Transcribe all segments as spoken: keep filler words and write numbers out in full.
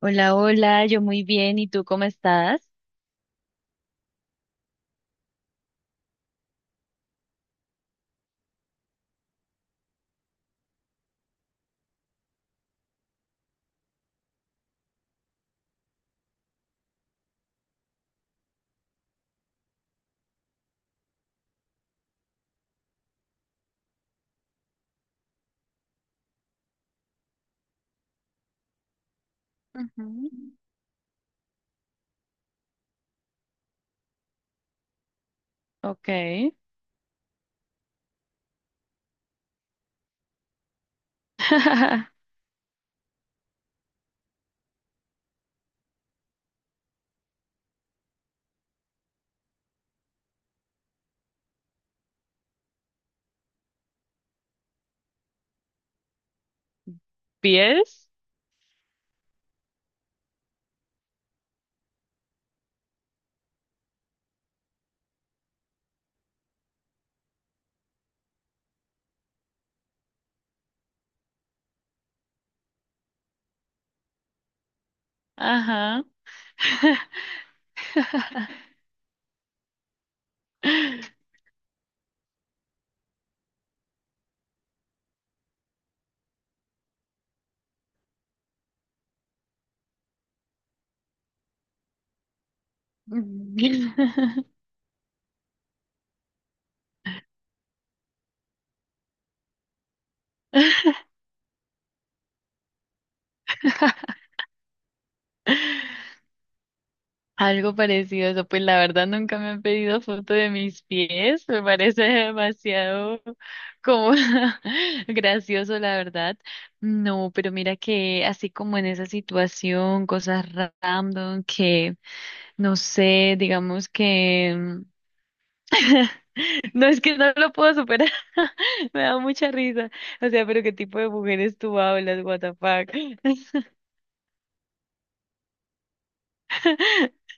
Hola, hola, yo muy bien, ¿y tú cómo estás? Ujú. Ok. ¿Pies? Ajá. Algo parecido a eso, pues la verdad nunca me han pedido foto de mis pies, me parece demasiado como gracioso, la verdad. No, pero mira que así como en esa situación, cosas random que no sé, digamos que... mm, no es que no lo puedo superar. Me da mucha risa. O sea, pero ¿qué tipo de mujeres tú hablas, what the fuck?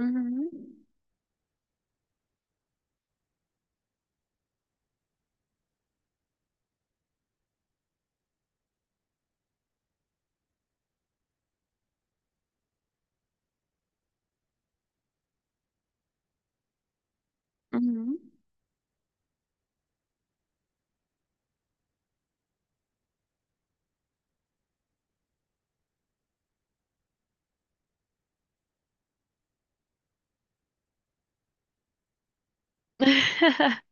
Ujú, ujú.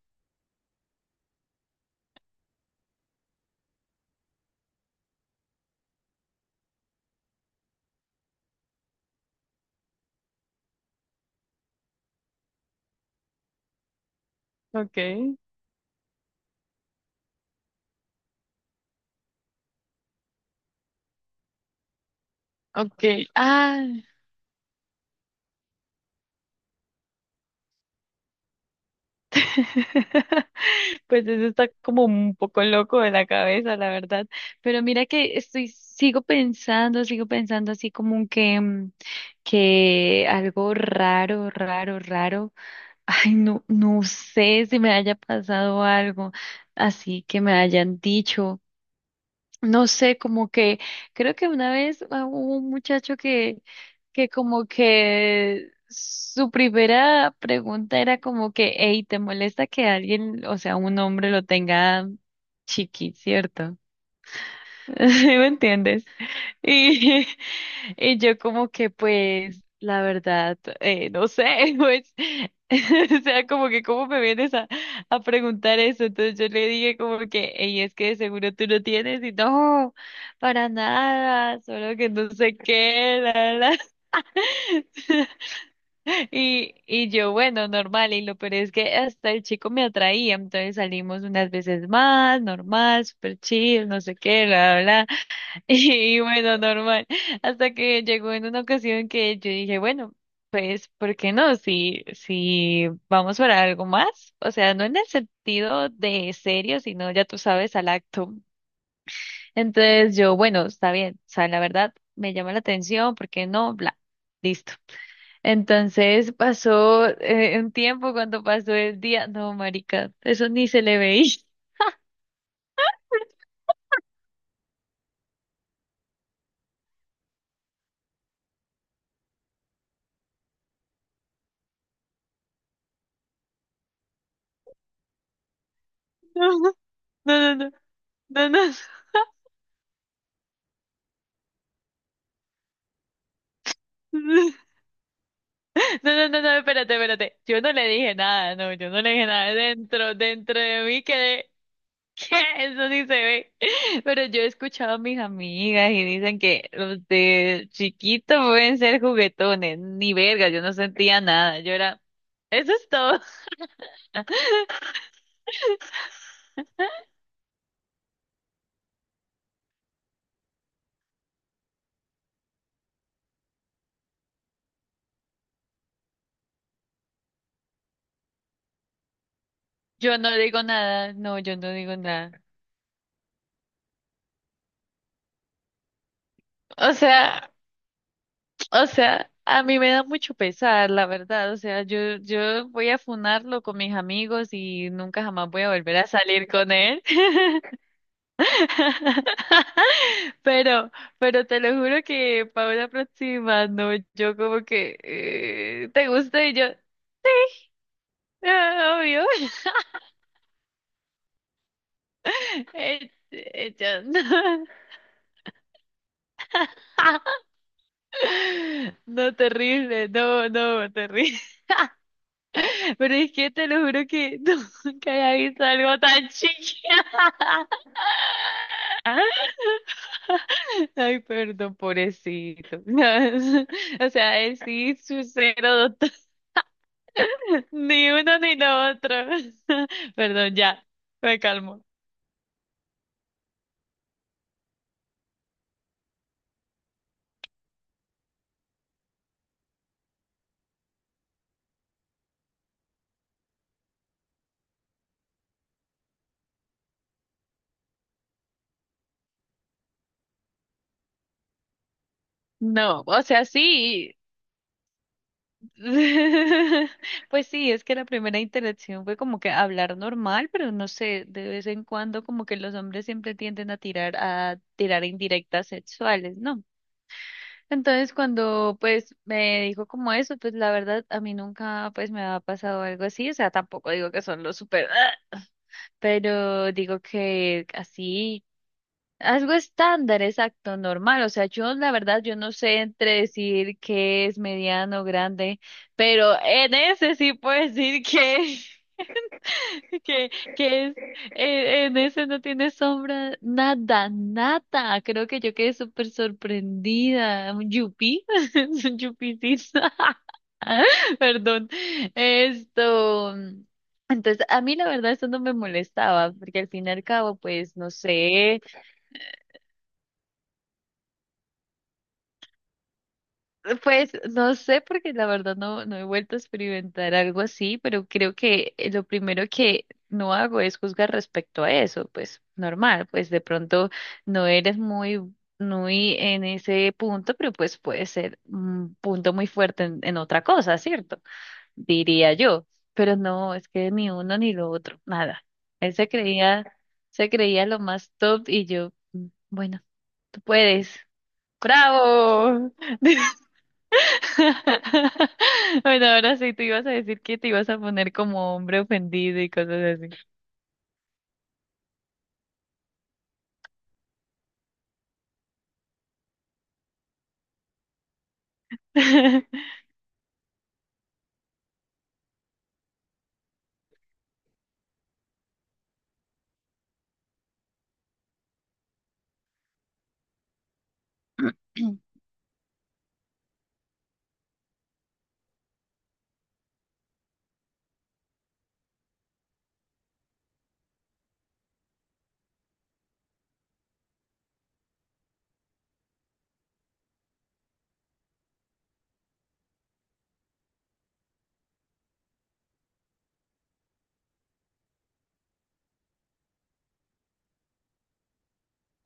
Okay, okay. Ah. Pues eso está como un poco loco de la cabeza, la verdad. Pero mira que estoy, sigo pensando, sigo pensando así como que, mm, que algo raro, raro, raro. Ay, no, no sé si me haya pasado algo así que me hayan dicho. No sé, como que creo que una vez ah, hubo un muchacho que, que como que su primera pregunta era como que, hey, ¿te molesta que alguien, o sea, un hombre lo tenga chiqui, cierto? ¿Sí me entiendes? Y y yo como que pues, la verdad, eh, no sé, pues, o sea, como que cómo me vienes a, a preguntar eso. Entonces yo le dije como que, y es que de seguro tú no tienes, y no, para nada, solo que no sé qué, la, la. la. Y y yo, bueno, normal, y lo peor es que hasta el chico me atraía, entonces salimos unas veces más, normal, super chill, no sé qué, bla, bla, bla. Y bueno, normal. Hasta que llegó en una ocasión que yo dije, bueno, pues, ¿por qué no? Si, si vamos para algo más, o sea, no en el sentido de serio, sino ya tú sabes, al acto. Entonces yo, bueno, está bien, o sea, la verdad me llama la atención, ¿por qué no? Bla, listo. Entonces pasó eh, un tiempo cuando pasó el día, no, marica, eso ni se le veía. No, no, no, no, no, no. No, no, no, no, espérate, espérate. Yo no le dije nada, no, yo no le dije nada. Dentro, dentro de mí quedé, ¿qué? Eso sí se ve. Pero yo he escuchado a mis amigas y dicen que los de chiquito pueden ser juguetones. Ni verga, yo no sentía nada. Yo era, eso es todo. Yo no digo nada, no, yo no digo nada. O sea, o sea, a mí me da mucho pesar, la verdad. O sea, yo, yo voy a funarlo con mis amigos y nunca jamás voy a volver a salir con él. Pero, pero te lo juro que para una próxima, no, yo como que eh, te gusta y yo, "Ah, obvio". Eh, eh, yo, no. No, terrible, no, no, terrible. Pero es que te lo juro que nunca había visto algo tan chiquita. Ay, perdón, pobrecito. O sea, él sí, su cero. Ni uno ni lo otro. Perdón, ya, me calmo. No, o sea, sí. Pues sí, es que la primera interacción fue como que hablar normal, pero no sé, de vez en cuando como que los hombres siempre tienden a tirar a tirar indirectas sexuales, ¿no? Entonces, cuando pues me dijo como eso, pues la verdad a mí nunca pues me ha pasado algo así, o sea, tampoco digo que son los super, pero digo que así algo estándar, exacto, normal. O sea, yo la verdad, yo no sé entre decir que es mediano, grande, pero en ese sí puedo decir que, que, que es, eh, en ese no tiene sombra, nada, nada. Creo que yo quedé súper sorprendida. Un yupi, es un yupicito. Perdón. Esto. Entonces, a mí la verdad eso no me molestaba, porque al fin y al cabo, pues, no sé. Pues no sé, porque la verdad no, no he vuelto a experimentar algo así, pero creo que eh, lo primero que no hago es juzgar respecto a eso, pues normal, pues de pronto no eres muy, muy en ese punto, pero pues puede ser un punto muy fuerte en, en otra cosa, ¿cierto? Diría yo, pero no, es que ni uno ni lo otro, nada. Él se creía, se creía lo más top y yo, "Mm, bueno, tú puedes, bravo". Bueno, ahora sí, tú ibas a decir que te ibas a poner como hombre ofendido y cosas así.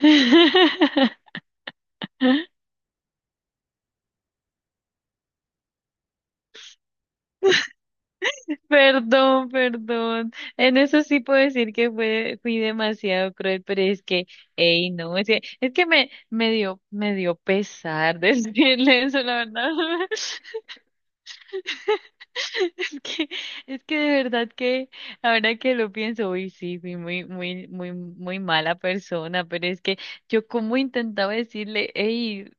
Perdón, perdón. En eso sí puedo decir que fue, fui demasiado cruel, pero es que, ey, no, es que, es que me, me dio, me dio pesar decirle eso, la verdad. Es que, es que de verdad que ahora que lo pienso, uy, sí, fui muy, muy, muy, muy mala persona, pero es que yo como intentaba decirle, hey,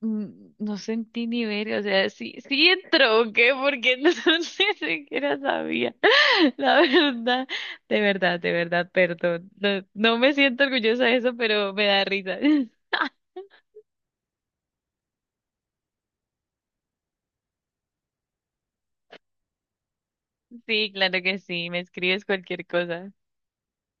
no sentí ni ver, o sea, sí, sí entró, ¿o qué? Porque no, ni siquiera sabía, la verdad, de verdad, de verdad, perdón, no, no me siento orgullosa de eso, pero me da risa. Sí, claro que sí, me escribes cualquier cosa.